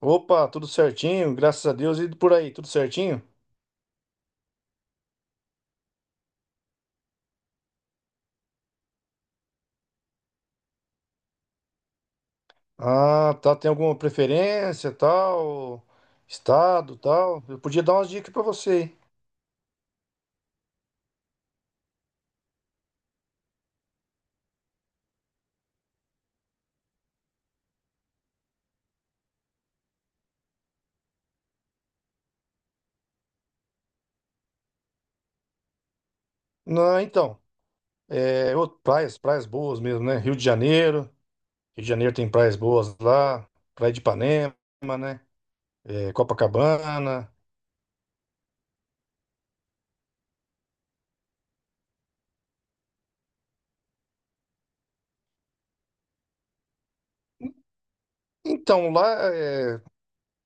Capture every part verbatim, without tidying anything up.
Opa, tudo certinho, graças a Deus. E por aí, tudo certinho? Ah, tá. Tem alguma preferência, tal, estado, tal? Eu podia dar umas dicas pra você, hein? Não, então, é, ô, praias, praias boas mesmo, né? Rio de Janeiro, Rio de Janeiro tem praias boas lá, Praia de Ipanema, né? É, Copacabana. Então, lá, é,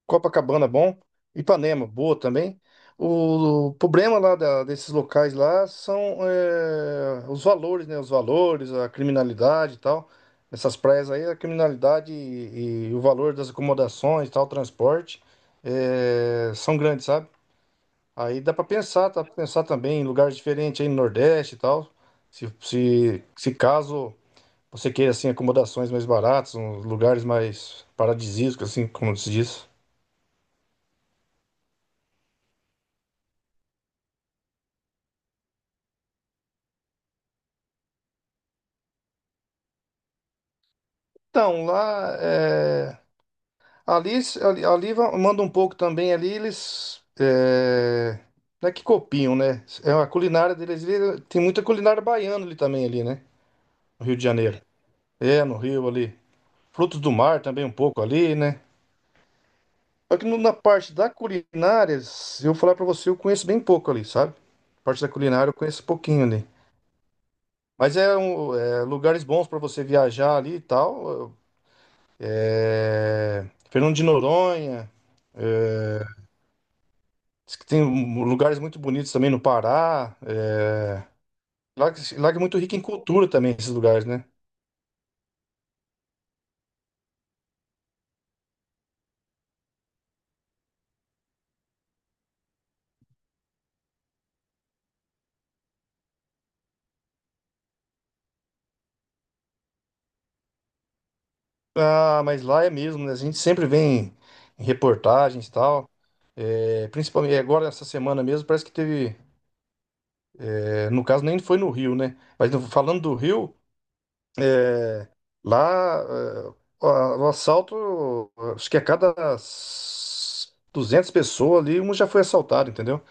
Copacabana, bom. Ipanema, boa também. O problema lá da- desses locais lá são é, os valores, né? Os valores, a criminalidade e tal. Essas praias aí, a criminalidade e, e o valor das acomodações e tal, transporte, é, são grandes, sabe? Aí dá pra pensar, dá pra pensar também em lugares diferentes aí no Nordeste e tal. Se, se, se caso você queira, assim, acomodações mais baratas, uns lugares mais paradisíacos, assim, como se diz. Então, lá, é, ali, se- ali, ali va- manda um pouco também, ali eles, é, não é que copiam, né? É a culinária deles, ali, tem muita culinária baiana ali também, ali, né? No Rio de Janeiro. É, no Rio ali. Frutos do mar também um pouco ali, né? Só que no- na parte da culinária, se eu falar pra você, eu conheço bem pouco ali, sabe? Parte da culinária eu conheço pouquinho ali. Mas é, um- é, lugares bons pra você viajar ali e tal. É, Fernando de Noronha, é, diz que tem um- um, lugares muito bonitos também no Pará. É, lá, que- lá que é muito rico em cultura também, esses lugares, né? Ah, mas lá é mesmo, né? A gente sempre vem em reportagens e tal. É, principalmente é, agora, essa semana mesmo, parece que teve. É, no caso, nem foi no Rio, né? Mas no- falando do Rio, é, lá é, o o assalto, acho que a cada s- duzentas pessoas ali, um já foi assaltado, entendeu?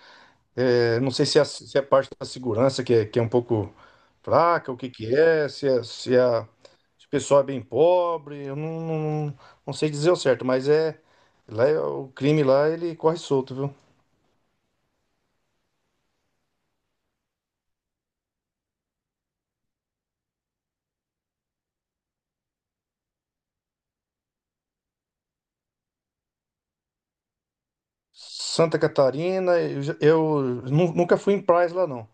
É, não sei se é, a- se é a parte da segurança que é, que é um pouco fraca, o que que é, se, é, se, é a, se o pessoal é bem pobre, eu não, não, não sei dizer o certo, mas é, lá é- o crime lá ele corre solto, viu? Santa Catarina, eu, já- eu nu- nunca fui em praias lá não,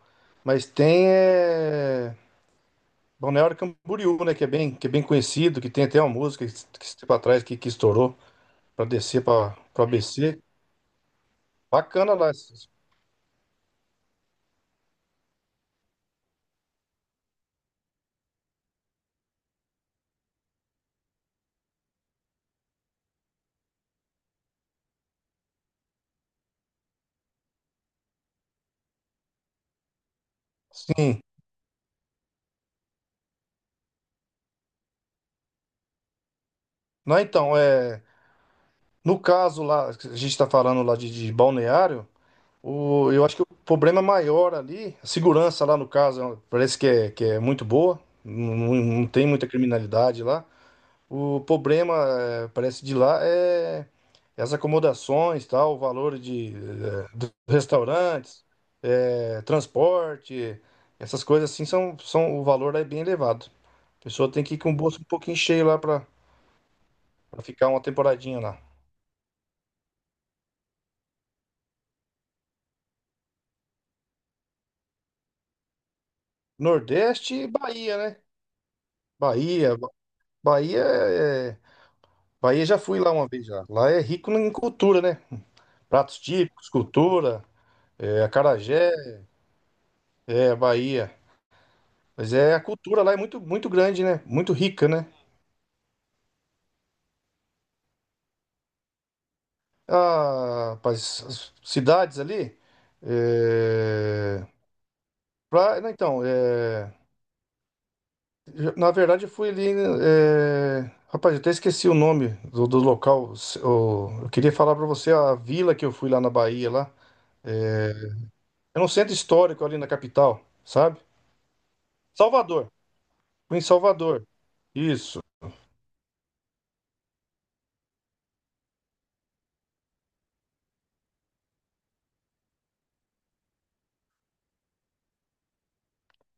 mas tem é, Balneário Camboriú, né, que é bem, que é bem conhecido, que tem até uma música que, que esse tempo atrás que, que estourou para descer para o A B C, bacana lá, sim. Não, então, é, no caso lá, a gente está falando lá de, de balneário, o, eu acho que o problema maior ali, a segurança lá no caso, parece que é, que é muito boa, não, não- não tem muita criminalidade lá. O problema, eh, parece de lá, é é as acomodações, tal, o valor de, eh, dos restaurantes, eh, transporte, essas coisas assim, são, são, o valor é bem elevado. A pessoa tem que ir com o bolso um pouquinho cheio lá para ficar uma temporadinha lá. Nordeste e Bahia, né? Bahia, Bahia é... Bahia já fui lá uma vez já. Lá é rico em cultura, né? Pratos típicos, cultura, é, acarajé, é Bahia. Mas é a cultura lá é muito muito grande, né? Muito rica, né? Ah, rapaz, as cidades ali é... pra- não, então, é... já- na verdade eu fui ali é... Rapaz, eu até esqueci o nome do, do local. Se- o- Eu queria falar pra você a vila que eu fui lá na Bahia lá. É, é um centro histórico ali na capital, sabe? Salvador. Fui em Salvador. Isso.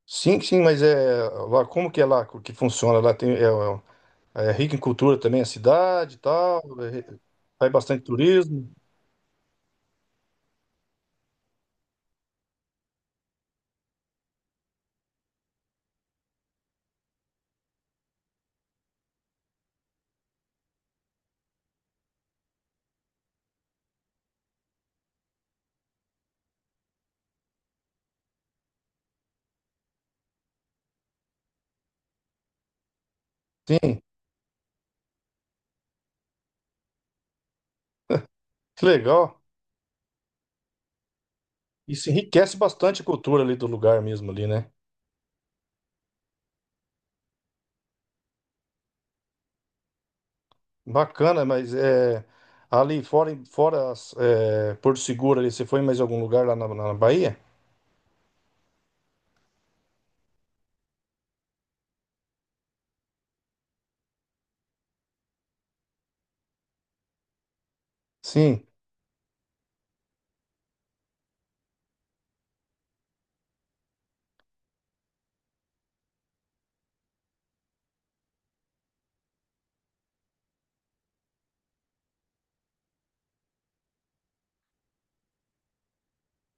Sim, sim, mas é lá como que é lá que funciona? Lá tem é, é- é rica em cultura também a cidade, e tal. É, faz bastante turismo. Sim, que legal. Isso enriquece bastante a cultura ali do lugar mesmo ali, né? Bacana, mas é ali fora fora as, é, Porto Seguro ali, você foi em mais algum lugar lá na, na Bahia? Sim.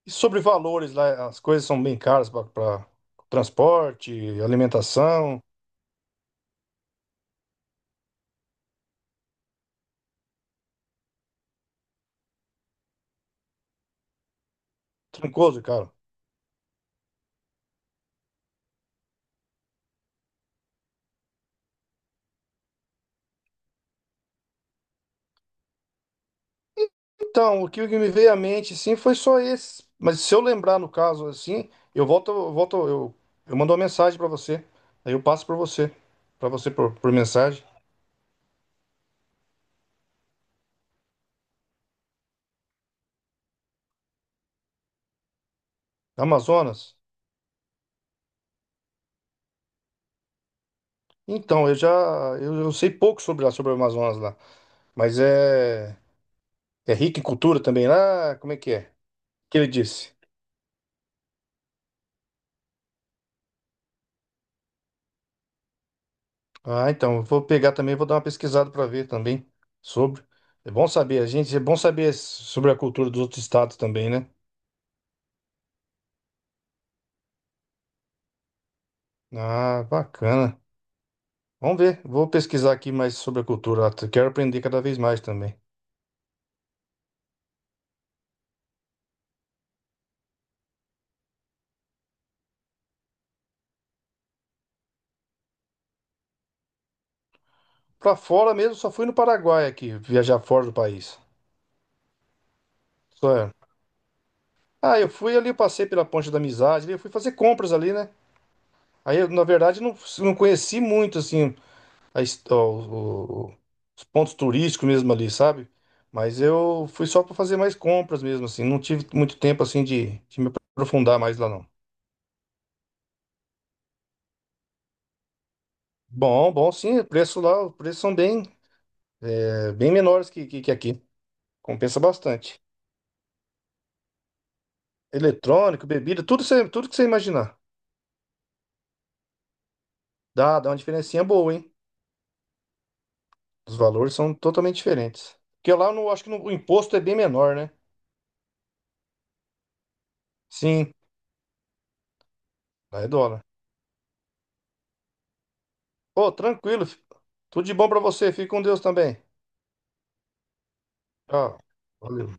E sobre valores lá, as coisas são bem caras para transporte, alimentação, Trancoso, cara. Então, o que o que me veio à mente, sim, foi só esse. Mas se eu lembrar, no caso, assim, eu volto, eu volto, eu, eu mando uma mensagem para você. Aí eu passo para você, para você por, por mensagem. Amazonas. Então, eu já, eu, eu sei pouco sobre lá, sobre o Amazonas lá, mas é, é rico em cultura também lá. Como é que é? O que ele disse? Ah, então, eu vou pegar também, vou dar uma pesquisada para ver também sobre. É bom saber, a gente, é bom saber sobre a cultura dos outros estados também, né? Ah, bacana. Vamos ver, vou pesquisar aqui mais sobre a cultura, lá, quero aprender cada vez mais também. Pra fora mesmo, só fui no Paraguai aqui, viajar fora do país. Só é. Ah, eu fui ali, eu passei pela Ponte da Amizade, ali, eu fui fazer compras ali, né? Aí, eu, na verdade, não, não conheci muito, assim, a his- ó, o- os pontos turísticos mesmo ali, sabe? Mas eu fui só para fazer mais compras mesmo, assim. Não tive muito tempo, assim, de, de me aprofundar mais lá, não. Bom, bom, sim. O preço lá, os preços são bem, é, bem menores que, que, que aqui. Compensa bastante. Eletrônico, bebida, tudo, cê- tudo que você imaginar. Dá, dá uma diferencinha boa, hein? Os valores são totalmente diferentes. Porque lá, eu não, acho que no- o imposto é bem menor, né? Sim, lá é dólar. Ô, tranquilo, fi. Tudo de bom para você. Fique com Deus também. Tchau. Valeu.